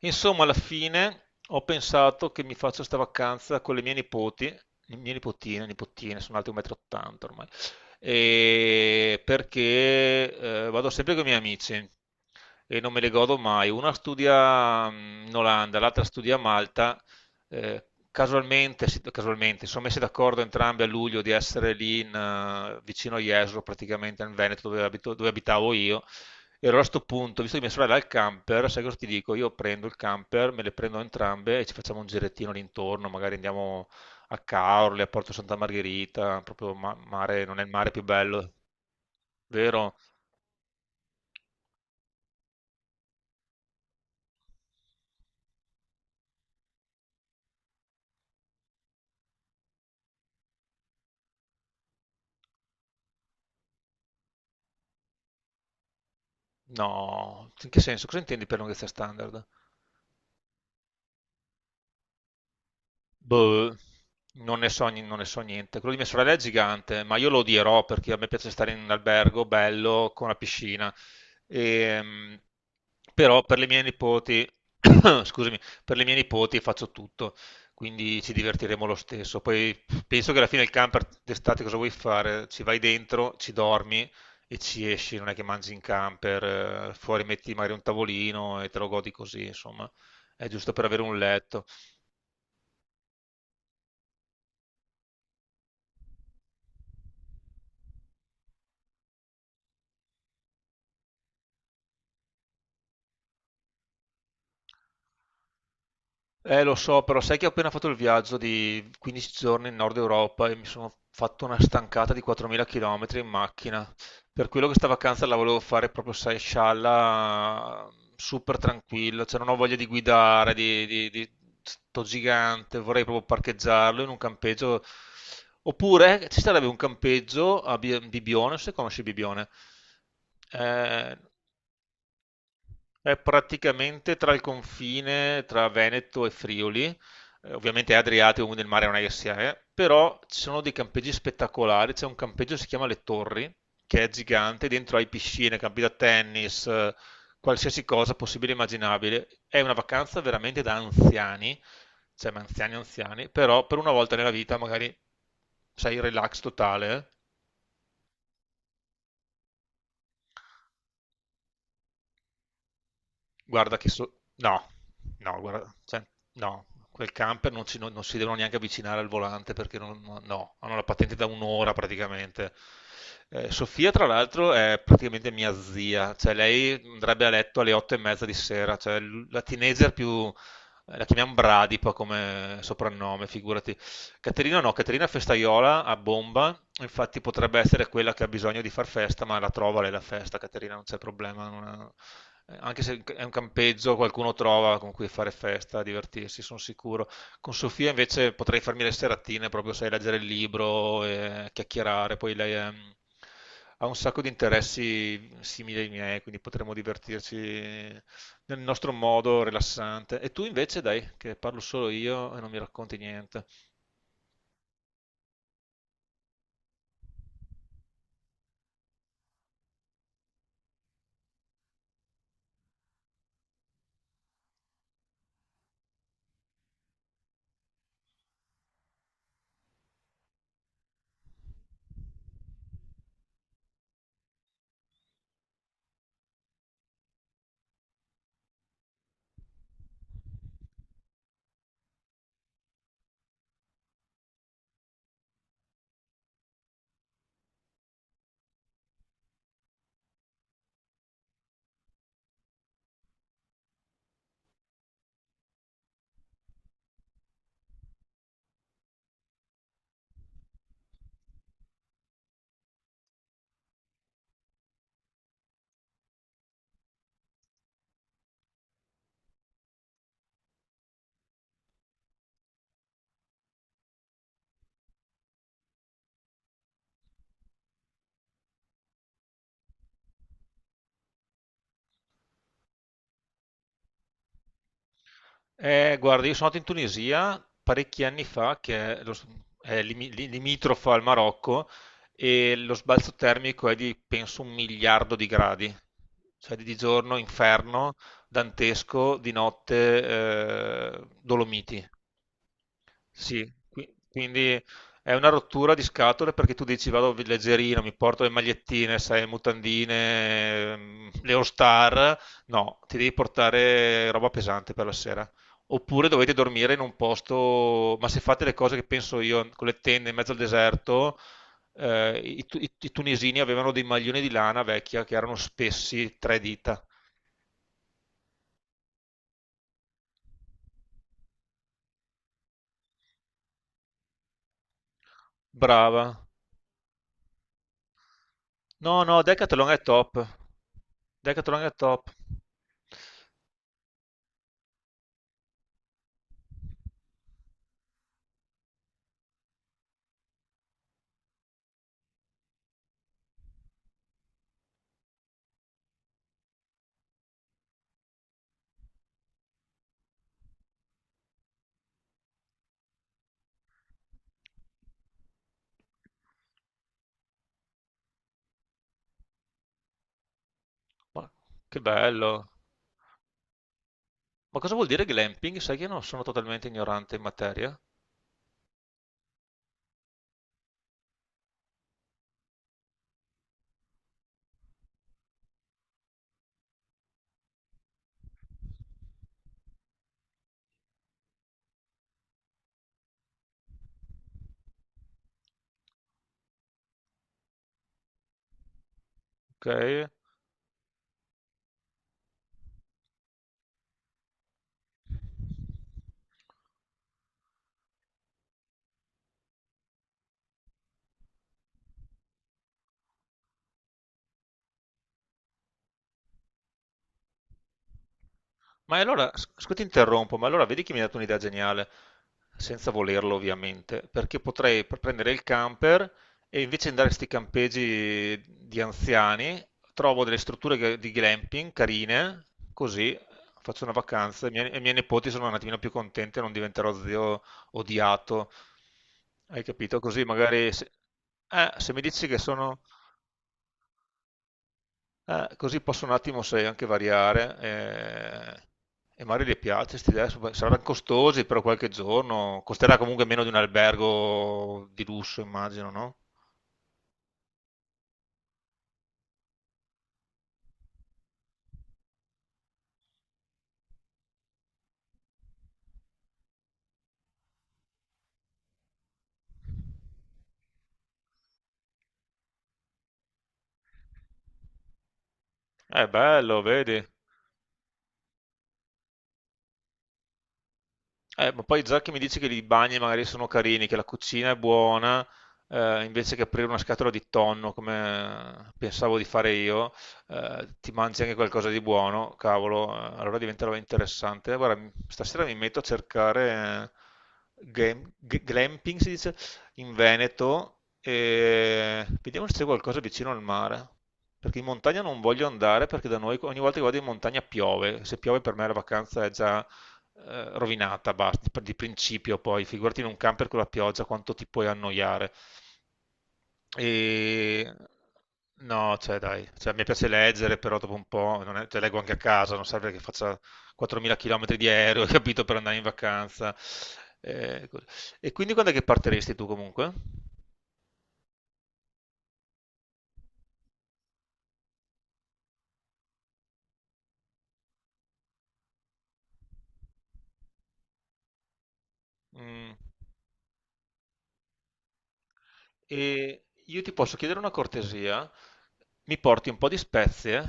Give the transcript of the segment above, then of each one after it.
Insomma, alla fine ho pensato che mi faccio sta vacanza con le mie nipoti, le mie nipotine, sono alte 1,80 m ormai, e perché vado sempre con i miei amici e non me le godo mai. Una studia in Olanda, l'altra studia a Malta. Casualmente, si casualmente, si sono messi d'accordo entrambi a luglio di essere lì in vicino a Jesolo, praticamente nel Veneto dove dove abitavo io. E allora a sto punto, visto che mia sorella ha il camper, sai cosa ti dico? Io prendo il camper, me le prendo entrambe e ci facciamo un girettino all'intorno, magari andiamo a Caorle, a Porto Santa Margherita, proprio mare, non è il mare più bello, vero? No, in che senso? Cosa intendi per lunghezza standard? Boh, non ne so, non ne so niente. Quello di mia sorella è gigante, ma io lo odierò perché a me piace stare in un albergo bello con la piscina. Ehm, Però per le mie nipoti, scusami, per le mie nipoti faccio tutto, quindi ci divertiremo lo stesso. Poi penso che alla fine il camper d'estate cosa vuoi fare? Ci vai dentro, ci dormi e ci esci, non è che mangi in camper, fuori metti magari un tavolino e te lo godi così, insomma, è giusto per avere un letto. Lo so, però sai che ho appena fatto il viaggio di 15 giorni in Nord Europa e mi sono fatto una stancata di 4.000 km in macchina. Per quello che sta vacanza la volevo fare proprio, sai, scialla, super tranquilla, cioè non ho voglia di guidare, di sto gigante, vorrei proprio parcheggiarlo in un campeggio. Oppure ci sarebbe un campeggio a Bibione, non so se conosci Bibione. Eh, è praticamente tra il confine tra Veneto e Friuli, ovviamente è Adriatico, quindi il mare non è che si è, però ci sono dei campeggi spettacolari, c'è un campeggio che si chiama Le Torri, che è gigante, dentro hai piscine, campi da tennis, qualsiasi cosa possibile e immaginabile. È una vacanza veramente da anziani, cioè ma anziani anziani, però per una volta nella vita magari sei relax totale. Guarda che so... No, no, guarda, cioè, no, quel camper non, non si devono neanche avvicinare al volante perché non, no, no, hanno la patente da un'ora praticamente. Sofia, tra l'altro, è praticamente mia zia, cioè lei andrebbe a letto alle 8:30 di sera, cioè la teenager più... La chiamiamo Bradipa come soprannome, figurati. Caterina no, Caterina è festaiola a bomba. Infatti potrebbe essere quella che ha bisogno di far festa, ma la trova lei la festa, Caterina, non c'è problema. Non ha- Anche se è un campeggio, qualcuno trova con cui fare festa, divertirsi, sono sicuro. Con Sofia invece potrei farmi le seratine, proprio sai, leggere il libro e chiacchierare. Ha un sacco di interessi simili ai miei, quindi potremmo divertirci nel nostro modo rilassante. E tu invece, dai, che parlo solo io e non mi racconti niente. Guarda, io sono andato in Tunisia parecchi anni fa, che è, è limitrofa al Marocco, e lo sbalzo termico è di, penso, un miliardo di gradi. Cioè di giorno inferno, dantesco, di notte Dolomiti. Sì, quindi è una rottura di scatole perché tu dici vado leggerino, mi porto le magliettine, sai, mutandine, le All-Star. No, ti devi portare roba pesante per la sera. Oppure dovete dormire in un posto, ma se fate le cose che penso io, con le tende in mezzo al deserto, i tunisini avevano dei maglioni di lana vecchia che erano spessi tre dita. Brava. No, no, Decathlon è top. Decathlon è top. Ma che bello! Ma cosa vuol dire glamping? Sai che io non sono totalmente ignorante in materia. Ok. Ma e allora, scusa ti interrompo, ma allora vedi che mi hai dato un'idea geniale, senza volerlo ovviamente, perché potrei prendere il camper e invece di andare a questi campeggi di anziani, trovo delle strutture di glamping carine, così faccio una vacanza e i miei nipoti sono un attimino più contenti e non diventerò zio odiato. Hai capito? Così magari se mi dici che sono così posso un attimo, sai, anche variare. E magari le piace, questi adesso saranno costosi, però qualche giorno costerà comunque meno di un albergo di lusso, immagino, no? È bello, vedi? Ma poi già che mi dici che i bagni magari sono carini, che la cucina è buona, invece che aprire una scatola di tonno come pensavo di fare io, ti mangi anche qualcosa di buono, cavolo, allora diventerà interessante. Guarda, stasera mi metto a cercare glamping, si dice, in Veneto e vediamo se c'è qualcosa vicino al mare. Perché in montagna non voglio andare perché da noi ogni volta che vado in montagna piove. Se piove per me la vacanza è già rovinata, basta, di principio poi, figurati in un camper con la pioggia quanto ti puoi annoiare. E... No, cioè dai, cioè, mi piace leggere, però dopo un po', non è- cioè, leggo anche a casa, non serve che faccia 4.000 km di aereo, capito, per andare in vacanza. E quindi quando è che partiresti tu comunque? Mm, E io ti posso chiedere una cortesia? Mi porti un po' di spezie?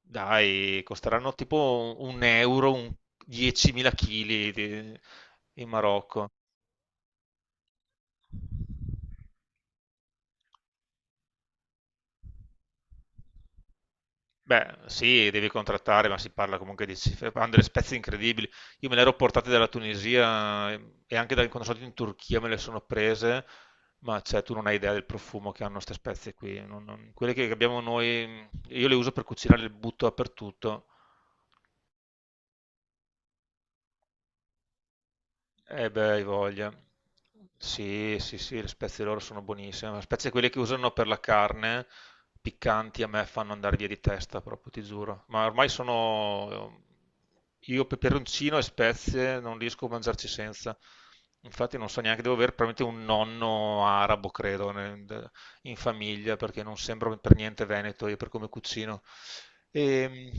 Dai, costeranno tipo un euro, un 10.000 kg in Marocco. Beh, sì, devi contrattare, ma si parla comunque di cifre. Hanno delle spezie incredibili. Io me le ero portate dalla Tunisia e anche dal, quando sono andato in Turchia me le sono prese, ma cioè, tu non hai idea del profumo che hanno queste spezie qui. Quelle che abbiamo noi, io le uso per cucinare, le butto dappertutto. Eh beh, hai voglia. Sì, sì, sì, le spezie loro sono buonissime. Le spezie quelle che usano per la carne, piccanti, a me fanno andare via di testa, proprio, ti giuro. Ma ormai sono... Io peperoncino e spezie non riesco a mangiarci senza. Infatti non so neanche, devo avere probabilmente un nonno arabo, credo, in famiglia, perché non sembro per niente veneto io per come cucino. Ehm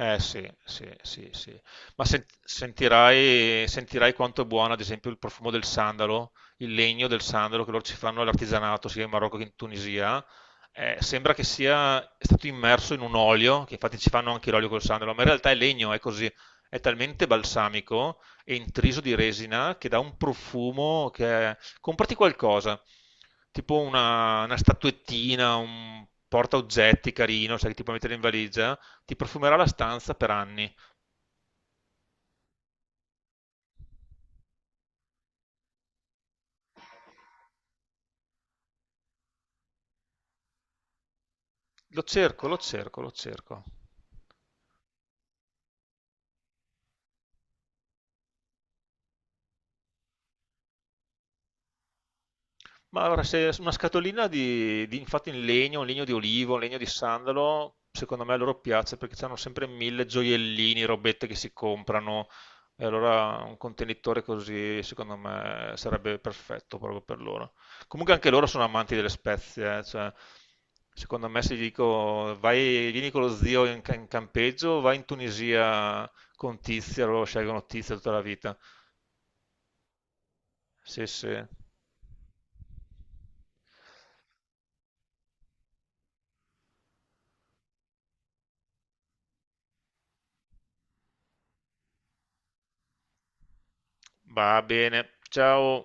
eh sì, sì, sì, sì. Ma sentirai, sentirai quanto è buono, ad esempio, il profumo del sandalo, il legno del sandalo che loro ci fanno all'artigianato, sia in Marocco che in Tunisia. Sembra che sia è stato immerso in un olio, che infatti ci fanno anche l'olio col sandalo, ma in realtà è legno, è così. È talmente balsamico e intriso di resina che dà un profumo che è... Comprati qualcosa, tipo una statuettina, un portaoggetti carino, sai, che ti puoi mettere in valigia, ti profumerà la stanza per anni. Lo cerco, lo cerco, lo cerco. Ma allora, se una scatolina infatti in legno, un legno di olivo, un legno di sandalo, secondo me a loro piace perché hanno sempre mille gioiellini, robette che si comprano. E allora un contenitore così, secondo me, sarebbe perfetto proprio per loro. Comunque anche loro sono amanti delle spezie, cioè, secondo me se gli dico vai, vieni con lo zio in, in campeggio, vai in Tunisia con Tizia, loro scelgono Tizia tutta la vita. Sì, sì. Va bene. Ciao.